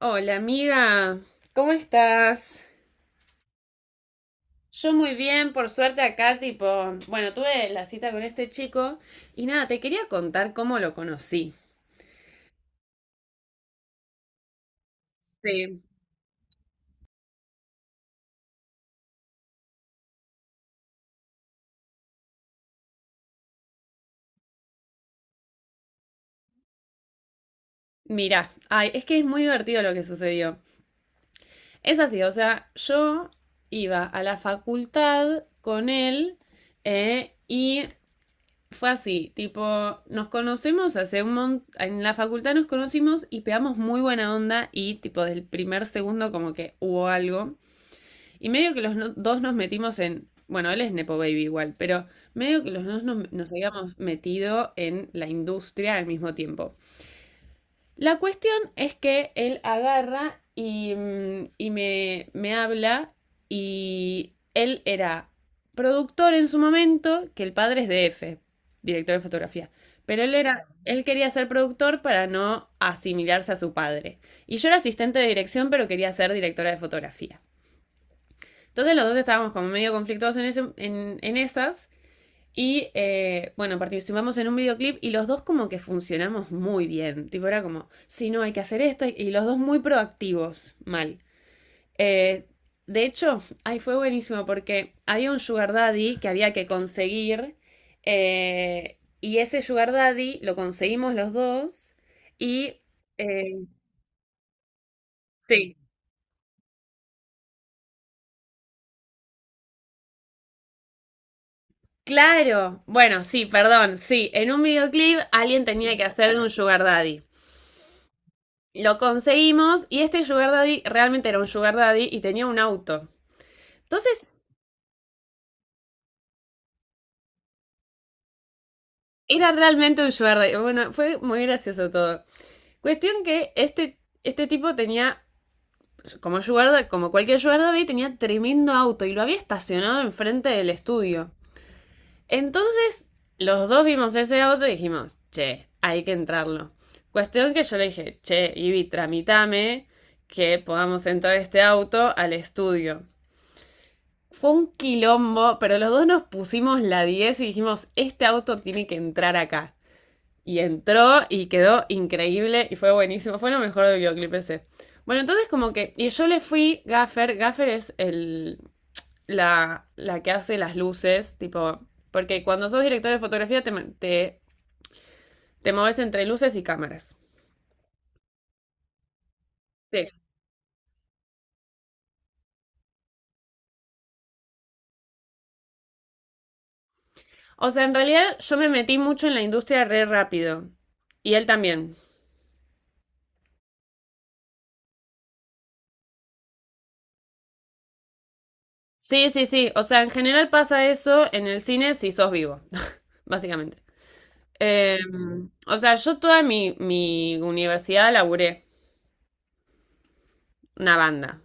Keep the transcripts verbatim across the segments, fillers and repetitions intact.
Hola amiga, ¿cómo estás? Yo muy bien, por suerte acá, tipo, bueno, tuve la cita con este chico y nada, te quería contar cómo lo conocí. Sí. Mira, ay, es que es muy divertido lo que sucedió. Es así, o sea, yo iba a la facultad con él, eh, y fue así, tipo, nos conocemos hace un montón, en la facultad nos conocimos y pegamos muy buena onda y tipo del primer segundo como que hubo algo. Y medio que los no- dos nos metimos en, bueno, él es Nepo Baby igual, pero medio que los dos nos, nos habíamos metido en la industria al mismo tiempo. La cuestión es que él agarra y, mm, y me, me habla, y él era productor en su momento, que el padre es D F, director de fotografía. Pero él era, él quería ser productor para no asimilarse a su padre. Y yo era asistente de dirección, pero quería ser directora de fotografía. Entonces los dos estábamos como medio conflictuados en, ese, en, en esas. Y eh, bueno, participamos en un videoclip y los dos como que funcionamos muy bien. Tipo, era como, sí, no, hay que hacer esto. Y los dos muy proactivos, mal. Eh, de hecho, ahí fue buenísimo porque había un sugar daddy que había que conseguir. Eh, y ese sugar daddy lo conseguimos los dos. Y eh, sí, claro, bueno, sí, perdón, sí, en un videoclip alguien tenía que hacer de un sugar daddy. Lo conseguimos y este sugar daddy realmente era un sugar daddy y tenía un auto. Entonces, era realmente un sugar daddy. Bueno, fue muy gracioso todo. Cuestión que este, este tipo tenía, como sugar daddy, como cualquier sugar daddy, tenía tremendo auto y lo había estacionado enfrente del estudio. Entonces, los dos vimos ese auto y dijimos, che, hay que entrarlo. Cuestión que yo le dije, che, Ivy, tramitame que podamos entrar este auto al estudio. Fue un quilombo, pero los dos nos pusimos la diez y dijimos, este auto tiene que entrar acá. Y entró y quedó increíble y fue buenísimo. Fue lo mejor del videoclip ese. Bueno, entonces como que... Y yo le fui Gaffer. Gaffer es el... La, la que hace las luces, tipo... Porque cuando sos director de fotografía te, te, te moves entre luces y cámaras. Sí. O sea, en realidad yo me metí mucho en la industria re rápido. Y él también. Sí, sí, sí. O sea, en general pasa eso en el cine si sos vivo, básicamente. Eh, o sea, yo toda mi, mi universidad laburé una banda.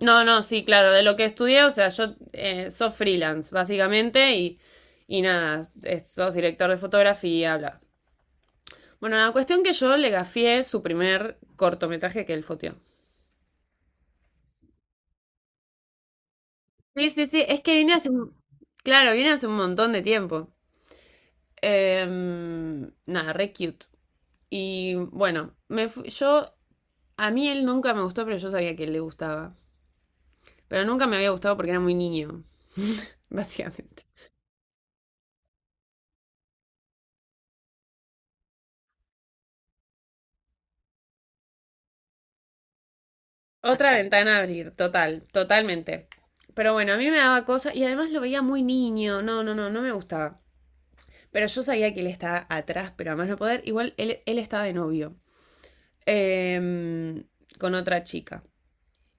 No, no, sí, claro, de lo que estudié, o sea, yo eh, sos freelance, básicamente, y, y nada, es- sos director de fotografía, bla. Bueno, la cuestión que yo le gafié su primer cortometraje que él foteó. Sí, sí, sí, es que vine hace un... Claro, vine hace un montón de tiempo. Em, nada, re cute. Y bueno, me fu- yo, a mí él nunca me gustó, pero yo sabía que él le gustaba. Pero nunca me había gustado porque era muy niño, básicamente. Otra ventana a abrir, total, totalmente. Pero bueno, a mí me daba cosa y además lo veía muy niño. No, no, no, no me gustaba. Pero yo sabía que él estaba atrás, pero además no poder. Igual él, él estaba de novio eh, con otra chica.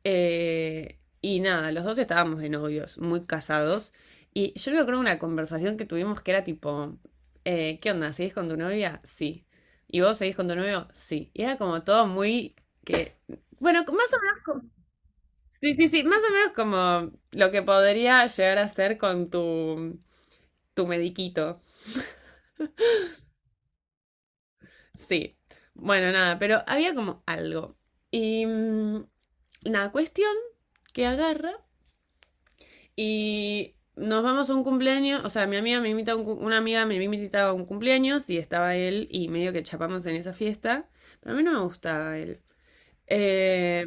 Eh, y nada, los dos estábamos de novios, muy casados. Y yo me acuerdo una conversación que tuvimos que era tipo, eh, ¿qué onda? ¿Seguís con tu novia? Sí. ¿Y vos seguís con tu novio? Sí. Y era como todo muy que, bueno, más o menos, co- sí, sí, sí, más o menos como lo que podría llegar a ser con tu, tu mediquito. Sí. Bueno, nada, pero había como algo. Y mm, Nada, cuestión que agarra, y nos vamos a un cumpleaños, o sea, mi amiga me invita a un, una amiga me invitaba a un cumpleaños y estaba él y medio que chapamos en esa fiesta, pero a mí no me gustaba él. Eh,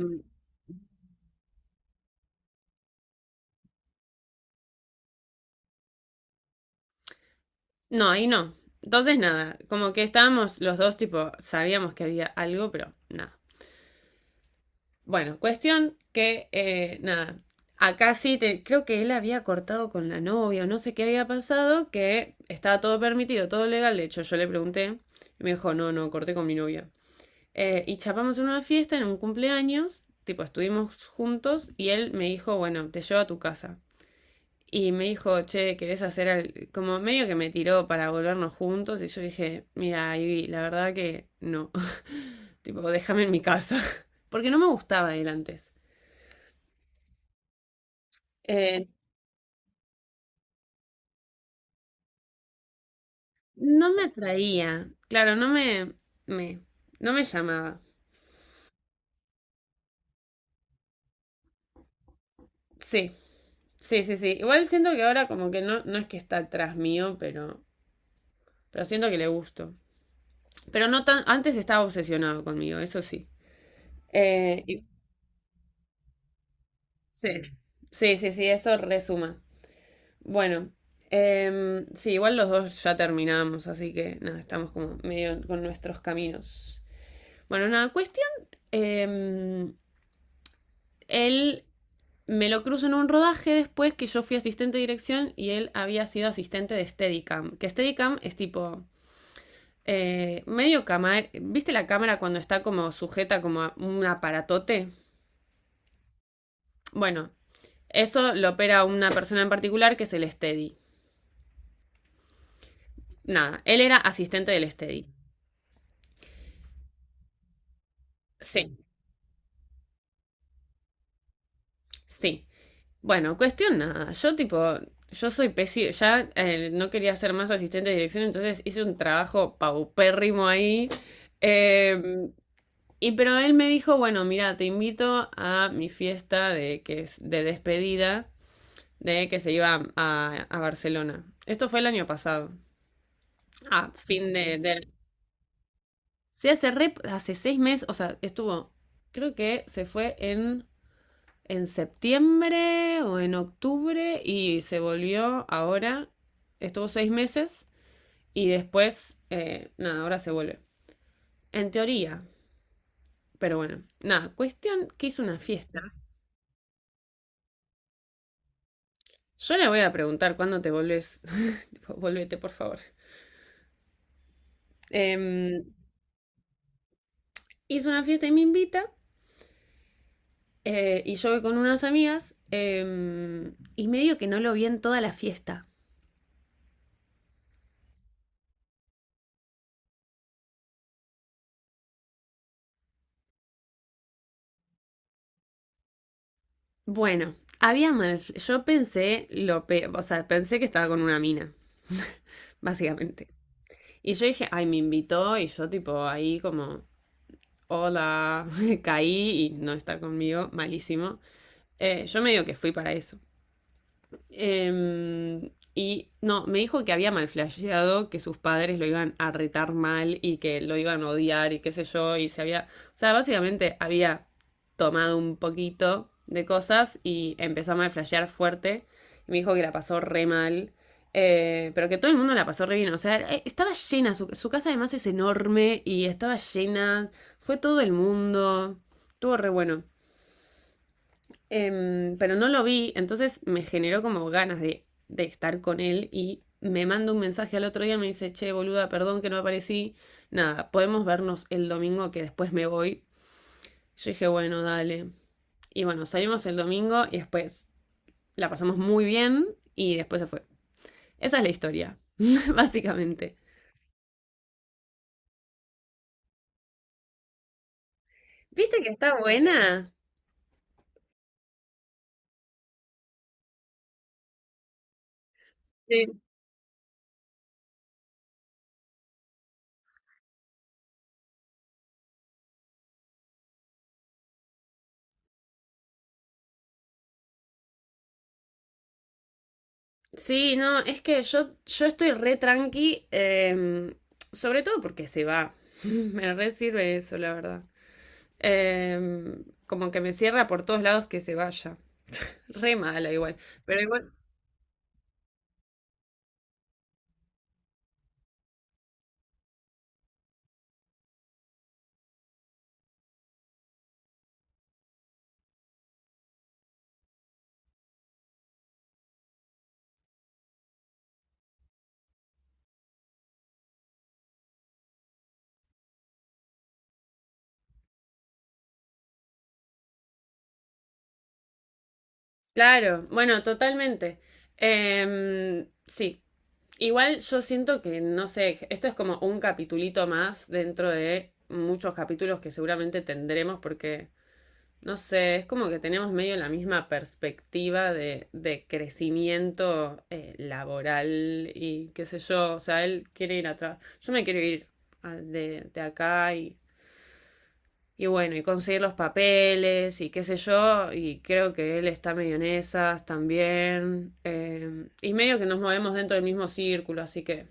no, ahí no. Entonces nada, como que estábamos los dos tipo, sabíamos que había algo, pero nada. Bueno, cuestión que eh, nada, acá sí te- creo que él había cortado con la novia o no sé qué había pasado, que estaba todo permitido, todo legal, de hecho yo le pregunté y me dijo, no, no, corté con mi novia. Eh, y chapamos en una fiesta, en un cumpleaños, tipo, estuvimos juntos y él me dijo, bueno, te llevo a tu casa. Y me dijo, che, ¿querés hacer al... como medio que me tiró para volvernos juntos? Y yo dije, mira, Ivy, la verdad que no. Tipo, déjame en mi casa. Porque no me gustaba él antes. Eh, no me atraía. Claro, no me, me, no me llamaba. Sí, sí, sí, sí. Igual siento que ahora como que no, no es que está atrás mío, pero, pero siento que le gusto. Pero no tan, antes estaba obsesionado conmigo, eso sí. Eh, y- sí, sí, sí, sí, eso resuma. Bueno, em, sí, igual los dos ya terminamos, así que nada, estamos como medio con nuestros caminos. Bueno, nada, cuestión, em, él me lo cruzo en un rodaje después que yo fui asistente de dirección y él había sido asistente de Steadicam, que Steadicam es tipo... eh, medio cámara, ¿viste la cámara cuando está como sujeta como a un aparatote? Bueno, eso lo opera una persona en particular que es el Steady. Nada, él era asistente del Steady. Sí, sí. Bueno, cuestión nada. Yo tipo, yo soy pésimo, ya eh, no quería ser más asistente de dirección, entonces hice un trabajo paupérrimo ahí. Eh, y pero él me dijo, bueno, mira, te invito a mi fiesta de, que es de despedida de que se iba a, a Barcelona. Esto fue el año pasado. Ah, fin de, del Sí, hace, re- hace seis meses, o sea, estuvo, creo que se fue en, en, septiembre o en octubre y se volvió ahora, estuvo seis meses y después, eh, nada, ahora se vuelve. En teoría, pero bueno, nada, cuestión que hizo una fiesta. Yo le voy a preguntar cuándo te volvés, tipo, volvete por favor. Em, Hizo una fiesta y me invita. Eh, y yo voy con unas amigas em, y medio que no lo vi en toda la fiesta. Bueno, había mal. Yo pensé lo pe- o sea, pensé que estaba con una mina, básicamente. Y yo dije, ay, me invitó, y yo tipo ahí como, hola, caí y no está conmigo, malísimo. Eh, yo medio que fui para eso. Em, y no, me dijo que había malflasheado, que sus padres lo iban a retar mal y que lo iban a odiar y qué sé yo, y se había, o sea, básicamente había tomado un poquito de cosas y empezó a malflashear fuerte. Y me dijo que la pasó re mal, eh, pero que todo el mundo la pasó re bien, o sea, eh, estaba llena, su, su casa además es enorme y estaba llena, fue todo el mundo, estuvo re bueno. Em, pero no lo vi, entonces me generó como ganas de, de estar con él y me manda un mensaje al otro día, me dice, che, boluda, perdón que no aparecí, nada, podemos vernos el domingo que después me voy. Yo dije, bueno, dale. Y bueno, salimos el domingo y después la pasamos muy bien y después se fue. Esa es la historia, básicamente. ¿Viste que está buena? Sí, no, es que yo, yo estoy re tranqui, em, sobre todo porque se va. Me re sirve eso, la verdad. Em, como que me cierra por todos lados que se vaya. Re mala igual. Pero igual, claro, bueno, totalmente. Em, sí. Igual yo siento que, no sé, esto es como un capitulito más dentro de muchos capítulos que seguramente tendremos porque... No sé, es como que tenemos medio la misma perspectiva de, de crecimiento eh, laboral y qué sé yo. O sea, él quiere ir atrás. Yo me quiero ir a- de, de acá y, y bueno, y conseguir los papeles y qué sé yo. Y creo que él está medio en esas también. Eh, y medio que nos movemos dentro del mismo círculo, así que.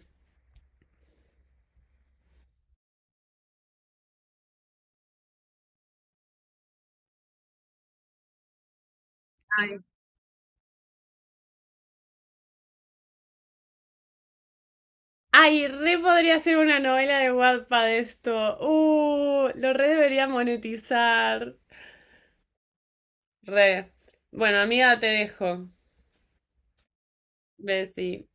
Ay. Ay, re podría ser una novela de Wattpad esto. Uh, lo re debería monetizar. Re. Bueno, amiga, te dejo. Bessie.